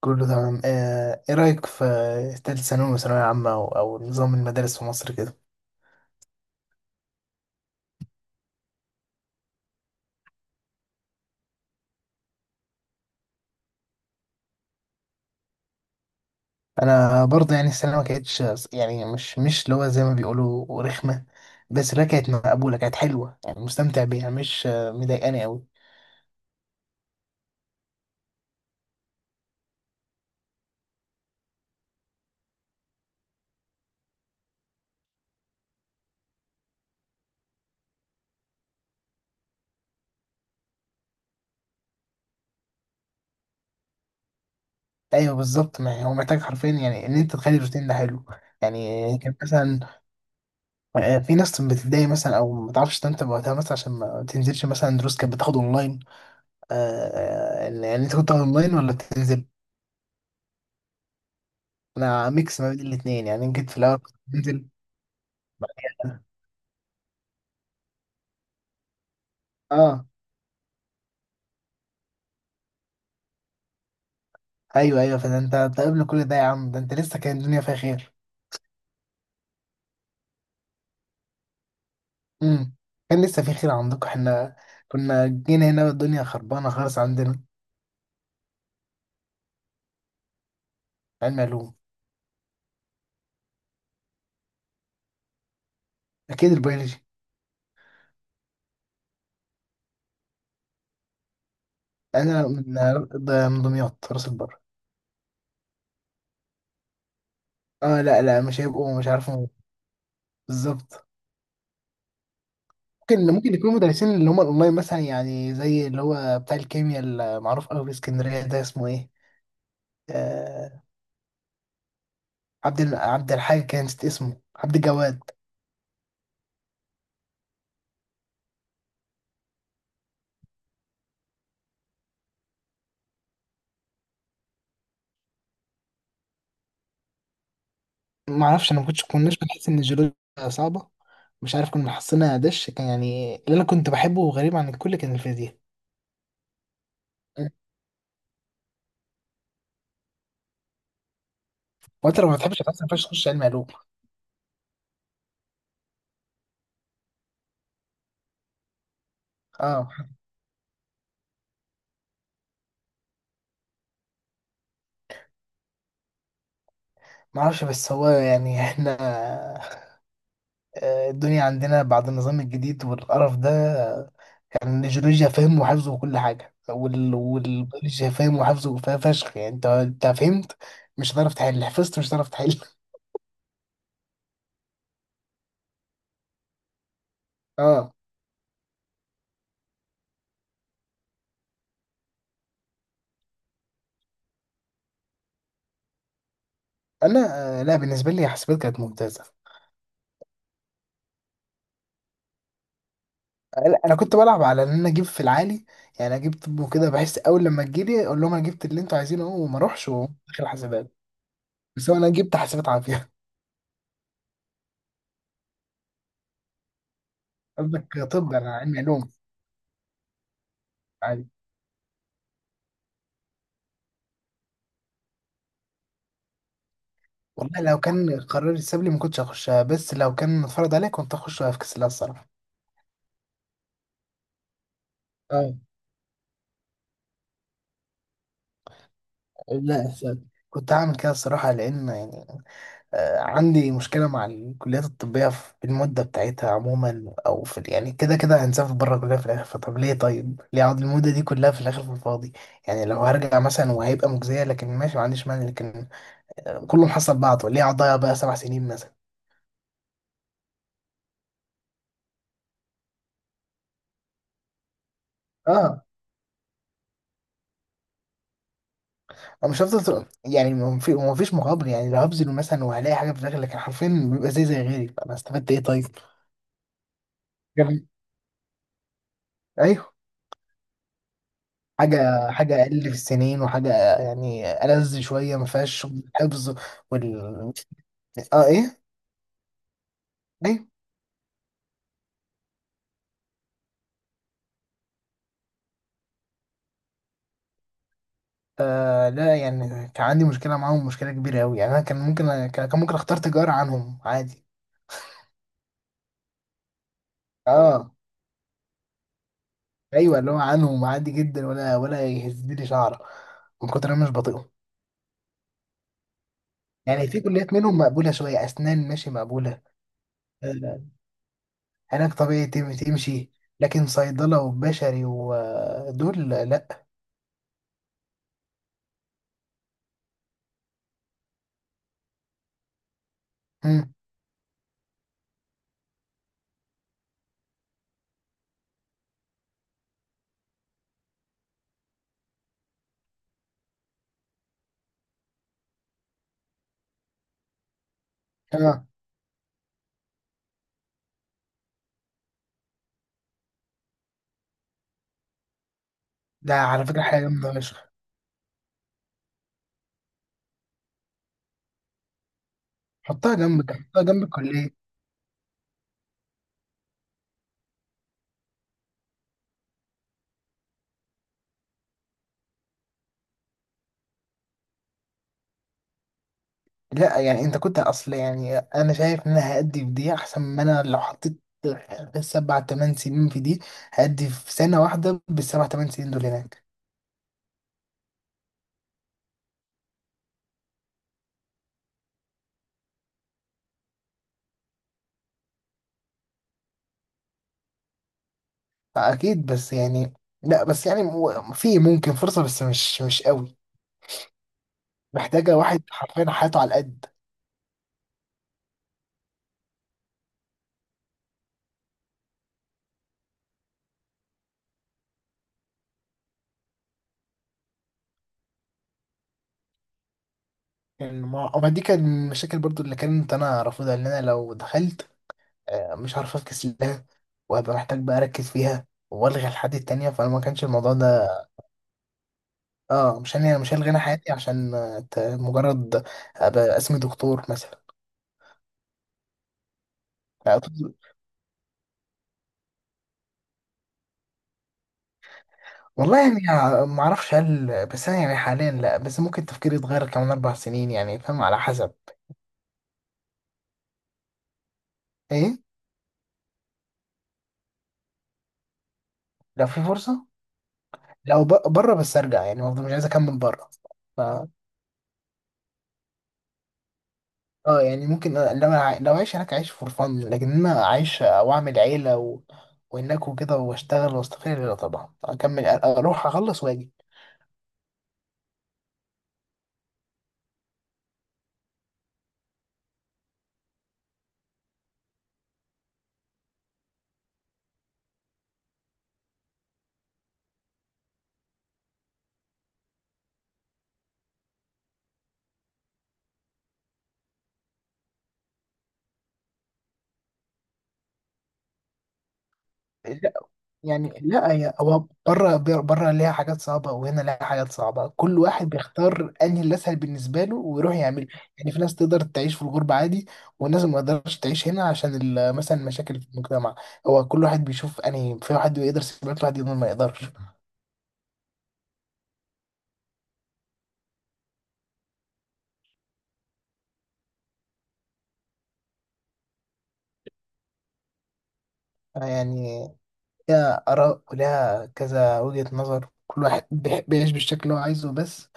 كله تمام، ايه رأيك في تالت ثانوي وثانوية عامة او نظام المدارس في مصر كده؟ انا برضه يعني السنة ما كانتش، يعني مش اللي هو زي ما بيقولوا رخمة، بس لا كانت مقبولة، كانت حلوة، يعني مستمتع بيها، مش مضايقاني قوي. ايوه بالظبط، ما هو محتاج حرفيا يعني ان انت تخلي الروتين ده حلو. يعني كان مثلا في ناس بتتضايق مثلا او ما تعرفش تنتبه وقتها مثلا عشان ما تنزلش، مثلا دروس كانت بتاخد اونلاين. آه، يعني انت كنت اونلاين ولا بتنزل؟ انا ميكس ما بين الاثنين، يعني أنا جيت في الاول كنت بنزل. اه. ايوه ايوه، فده انت قبل كل ده يا عم، ده انت لسه كان الدنيا فيها خير. امم كان لسه في خير عندكم، احنا كنا جينا هنا والدنيا خربانه خالص عندنا. علم علوم. اكيد البيولوجي. انا من ده من دمياط، راس البر. اه لا لا، مش هيبقوا، مش عارفه. بالظبط. ممكن يكونوا مدرسين اللي هم الاونلاين مثلا، يعني زي اللي هو بتاع الكيمياء المعروف قوي في اسكندريه، ده اسمه ايه؟ آه عبد الم- عبد الحاج، كان نسيت اسمه، عبد الجواد. ما اعرفش، انا ما كنتش كناش بنحس ان الجيولوجيا صعبه، مش عارف كنا حاسينها دش كان. يعني اللي انا كنت بحبه غريب عن الكل، كان الفيزياء. وانت لو ما بتحبش الفلسفه ما ينفعش تخش علم علوم. اه ما اعرفش بس هو يعني احنا الدنيا عندنا بعد النظام الجديد والقرف ده، آه، يعني الجيولوجيا فهم وحفظ وكل حاجه، والبيولوجيا فهم وحفظ وفيها فشخ. يعني انت فهمت، مش هتعرف تحل. حفظت، مش هتعرف تحل. اه. انا لا، بالنسبه لي حسابات كانت ممتازه. لا انا كنت بلعب على ان انا اجيب في العالي، يعني اجيب طب وكده، بحس اول لما تجيلي اقول لهم انا جبت اللي انتوا عايزينه أهو، وما اروحش وداخل حاسبات. بس هو انا جبت حاسبات عافيه. قصدك؟ طب انا علمي علوم. عادي، والله لو كان قرار اتساب لي ما كنتش هخشها، بس لو كان اتفرض عليا كنت هخش في كاس الله الصراحه. اه، لا صح. كنت هعمل كده الصراحه، لان يعني عندي مشكلة مع الكليات الطبية في المدة بتاعتها عموما، أو في، يعني كده كده هنسافر بره الكلية في الآخر، فطب ليه طيب؟ ليه أقعد المدة دي كلها في الآخر في الفاضي؟ يعني لو هرجع مثلا وهيبقى مجزية لكن ماشي، ما عنديش مانع، لكن كله محصل بعضه، ليه أقعد أضيع بقى 7 سنين مثلا؟ اه. أنا مش هفضل طول- يعني ما فيش مقابل، يعني لو هبذل مثلا وهلاقي حاجة في الآخر، لكن حرفيا بيبقى زي غيري، فأنا استفدت إيه طيب؟ جميل. أيوه. حاجة حاجة أقل في السنين، وحاجة يعني ألذ شوية ما فيهاش حفظ. اه. ايه؟ ليه؟ آه لا، يعني كان عندي مشكله معاهم، مشكله كبيره قوي، يعني انا كان ممكن كان كان ممكن اختار تجاره عنهم عادي. اه ايوه، اللي هو عنهم عادي جدا، ولا يهزلي شعره، من كتر انا مش بطيقهم. يعني في كليات منهم مقبوله شويه، اسنان ماشي مقبوله، آه، علاج طبيعي تمشي، لكن صيدله وبشري ودول لا. مم. اه ده على فكره حاجه جامده فشخ. حطها جنبك، حطها جنب الكليه. لا يعني انت كنت اصل، يعني انا شايف ان انا هأدي في دي احسن ما انا لو حطيت 7-8 سنين في دي. هأدي في سنة واحدة بالـ7-8 سنين دول هناك. اكيد بس يعني، لا بس يعني في ممكن فرصة، بس مش قوي. محتاجة واحد حرفيا حياته على القد. يعني ما دي كان من المشاكل برضو اللي كانت انا رافضها، ان انا لو دخلت مش هعرف افكس لها، وهبقى محتاج بقى اركز فيها والغي الحاجات التانية، فانا ما كانش الموضوع ده. اه، مش هلغي انا حياتي عشان مجرد ابقى اسمي دكتور مثلا. لا، أعتقد- والله يعني ما اعرفش، هل، بس انا يعني حاليا لا، بس ممكن تفكيري يتغير كمان 4 سنين يعني، فاهم، على حسب. ايه؟ لو في فرصه، لو ب- بره، بس ارجع يعني، برضه مش عايز اكمل بره. ف اه يعني ممكن، لو اعيش هناك اعيش فور فن، لكن إن انا اعيش واعمل عيله و وهناك وكده واشتغل واستقل، لا طبعا اكمل، اروح اخلص واجي. يعني لا، هو بره ليها حاجات صعبة وهنا ليها حاجات صعبة، كل واحد بيختار انهي الاسهل بالنسبة له ويروح يعمله. يعني في ناس تقدر تعيش في الغربة عادي، والناس ما تقدرش تعيش هنا عشان مثلا المشاكل في المجتمع. هو كل واحد بيشوف انهي، في واحد يقدر يسيبك، واحد يقدر، ما يقدرش. يعني ليها آراء وليها كذا وجهة نظر، كل واحد بيعيش بالشكل اللي هو عايزه. بس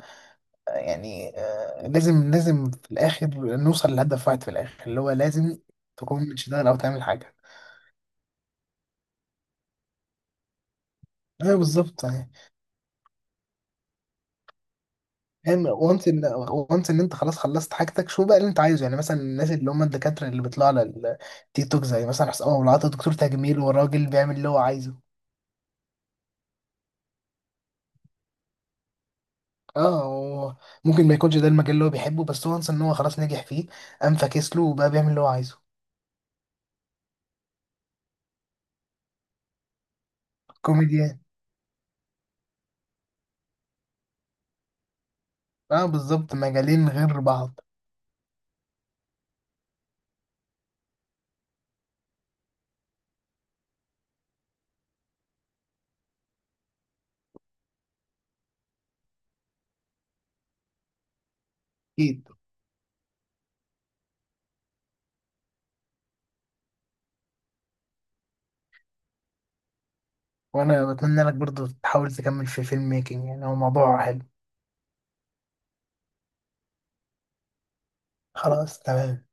يعني لازم لازم في الآخر نوصل لهدف واحد في الآخر، اللي هو لازم تكون بتشتغل أو تعمل حاجة. ايوه بالظبط. يعني يعني وانت ان انت خلاص خلصت حاجتك، شو بقى اللي انت عايزه؟ يعني مثلا الناس اللي هم الدكاتره اللي بيطلعوا على التيك توك، زي مثلا حسام ابو العطا، دكتور تجميل، والراجل بيعمل اللي هو عايزه. اه، هو ممكن ما يكونش ده المجال اللي هو بيحبه، بس وانس ان هو خلاص نجح فيه، قام فاكس له وبقى بيعمل اللي هو عايزه. كوميديان. اه بالظبط، مجالين غير بعض. اكيد. وانا بتمنى لك برضو تحاول تكمل في فيلم ميكنج، يعني هو موضوع حلو. خلاص، تمام.